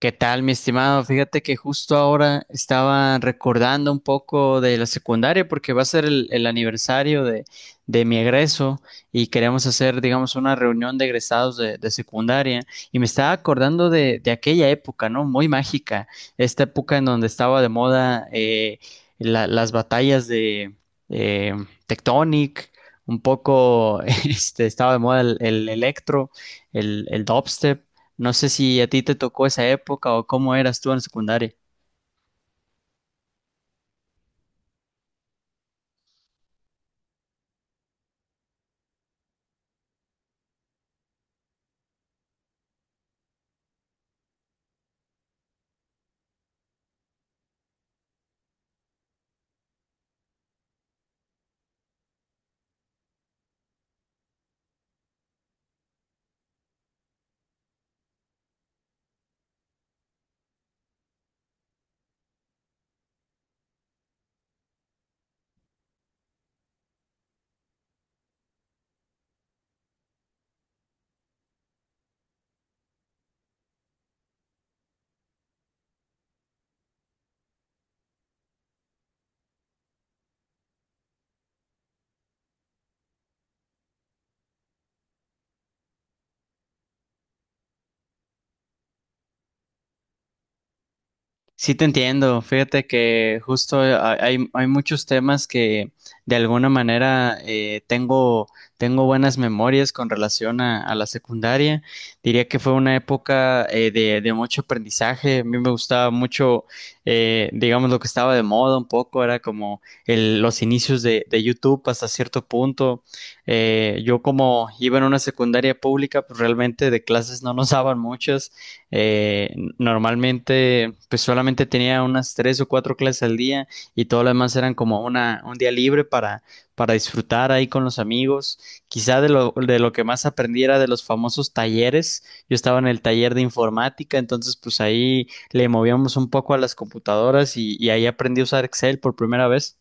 ¿Qué tal, mi estimado? Fíjate que justo ahora estaba recordando un poco de la secundaria porque va a ser el aniversario de mi egreso y queremos hacer, digamos, una reunión de egresados de secundaria y me estaba acordando de aquella época, ¿no? Muy mágica, esta época en donde estaba de moda las batallas de eh, Tectonic, un poco, este, estaba de moda el electro, el dubstep. No sé si a ti te tocó esa época o cómo eras tú en secundaria. Sí, te entiendo. Fíjate que justo hay muchos temas que de alguna manera tengo buenas memorias con relación a la secundaria. Diría que fue una época de mucho aprendizaje. A mí me gustaba mucho, digamos, lo que estaba de moda un poco, era como los inicios de YouTube hasta cierto punto. Yo como iba en una secundaria pública, pues realmente de clases no nos daban muchas. Eh, Normalmente, pues solamente tenía unas tres o cuatro clases al día y todo lo demás eran como un día libre para disfrutar ahí con los amigos. Quizá de lo que más aprendí era de los famosos talleres. Yo estaba en el taller de informática, entonces pues ahí le movíamos un poco a las computadoras y ahí aprendí a usar Excel por primera vez.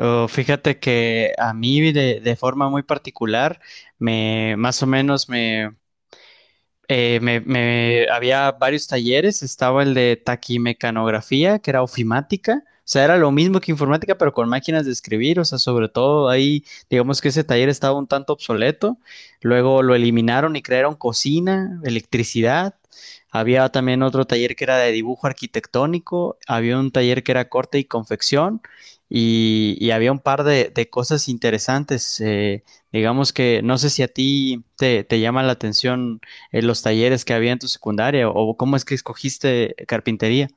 Oh, fíjate que a mí de forma muy particular, más o menos había varios talleres, estaba el de taquimecanografía, que era ofimática, o sea, era lo mismo que informática, pero con máquinas de escribir, o sea, sobre todo ahí, digamos que ese taller estaba un tanto obsoleto, luego lo eliminaron y crearon cocina, electricidad, había también otro taller que era de dibujo arquitectónico, había un taller que era corte y confección, y había un par de cosas interesantes, digamos que no sé si a te llama la atención ¿los talleres que había en tu secundaria o cómo es que escogiste carpintería?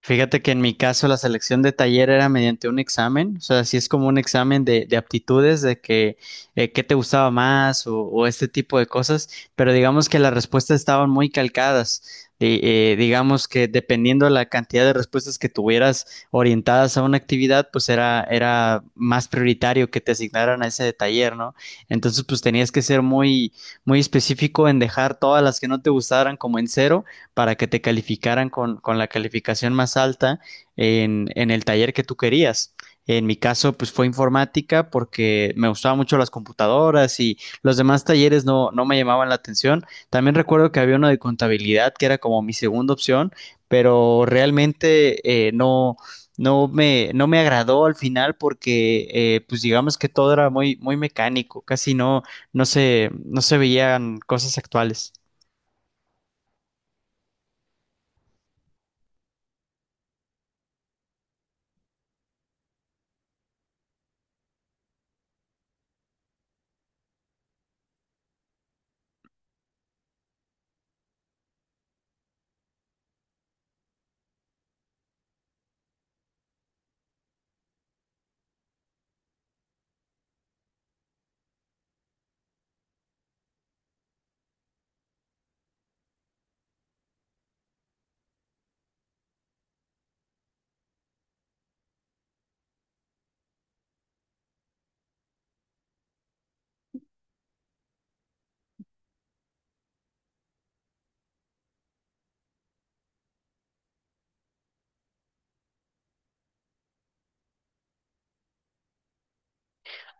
Fíjate que en mi caso la selección de taller era mediante un examen, o sea, sí es como un examen de aptitudes, de que qué te gustaba más o este tipo de cosas, pero digamos que las respuestas estaban muy calcadas. Y digamos que dependiendo la cantidad de respuestas que tuvieras orientadas a una actividad, pues era más prioritario que te asignaran a ese taller, ¿no? Entonces, pues tenías que ser muy específico en dejar todas las que no te gustaran como en cero para que te calificaran con la calificación más alta en el taller que tú querías. En mi caso, pues fue informática porque me gustaban mucho las computadoras y los demás talleres no, no me llamaban la atención. También recuerdo que había uno de contabilidad que era como mi segunda opción, pero realmente no me agradó al final porque pues digamos que todo era muy mecánico, casi no se veían cosas actuales.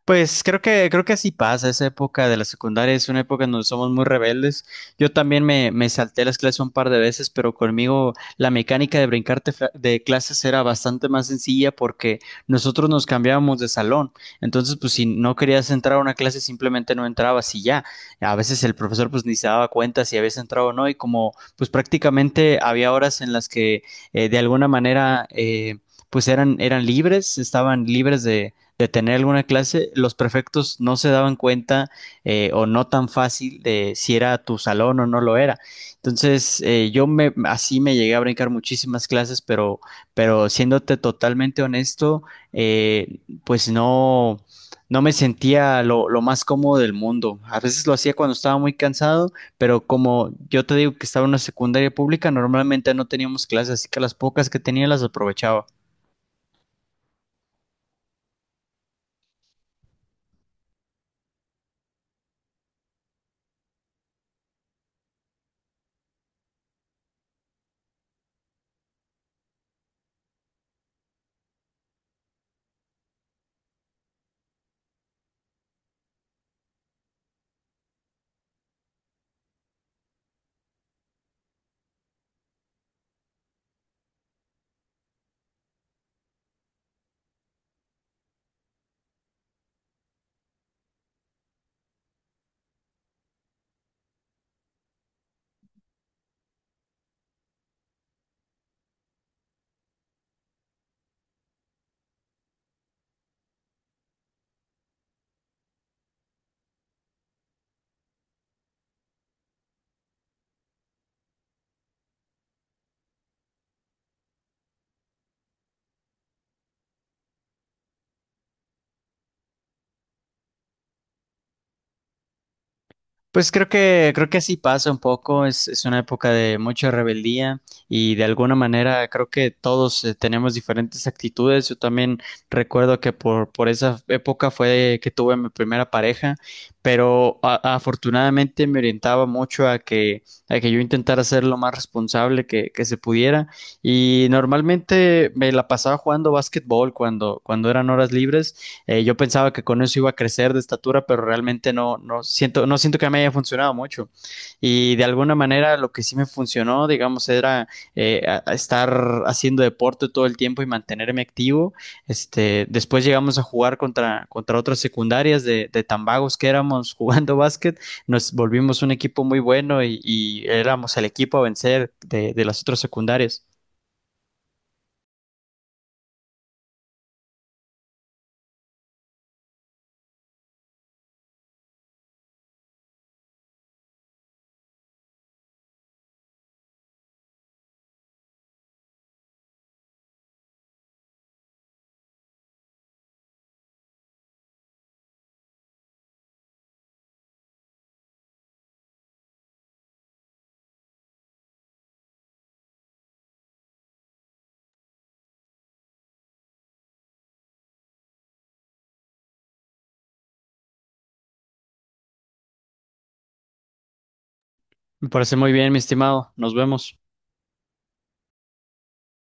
Pues creo que así pasa, esa época de la secundaria es una época en donde somos muy rebeldes. Yo también me salté las clases un par de veces, pero conmigo la mecánica de de clases era bastante más sencilla porque nosotros nos cambiábamos de salón. Entonces, pues si no querías entrar a una clase, simplemente no entrabas y ya. A veces el profesor pues ni se daba cuenta si habías entrado o no y como pues prácticamente había horas en las que de alguna manera pues eran libres, estaban libres de tener alguna clase, los prefectos no se daban cuenta o no tan fácil de si era tu salón o no lo era. Entonces, así me llegué a brincar muchísimas clases, pero siéndote totalmente honesto, pues no me sentía lo más cómodo del mundo. A veces lo hacía cuando estaba muy cansado, pero como yo te digo que estaba en una secundaria pública, normalmente no teníamos clases, así que las pocas que tenía las aprovechaba. Pues creo que así pasa un poco, es una época de mucha rebeldía y de alguna manera creo que todos tenemos diferentes actitudes. Yo también recuerdo que por esa época fue que tuve mi primera pareja, pero afortunadamente me orientaba mucho a a que yo intentara ser lo más responsable que se pudiera y normalmente me la pasaba jugando básquetbol cuando eran horas libres. Yo pensaba que con eso iba a crecer de estatura, pero realmente no siento que me haya funcionado mucho. Y de alguna manera lo que sí me funcionó, digamos, era a estar haciendo deporte todo el tiempo y mantenerme activo. Este, después llegamos a jugar contra otras secundarias de tan vagos que éramos jugando básquet. Nos volvimos un equipo muy bueno y éramos el equipo a vencer de las otras secundarias. Me parece muy bien, mi estimado. Nos vemos.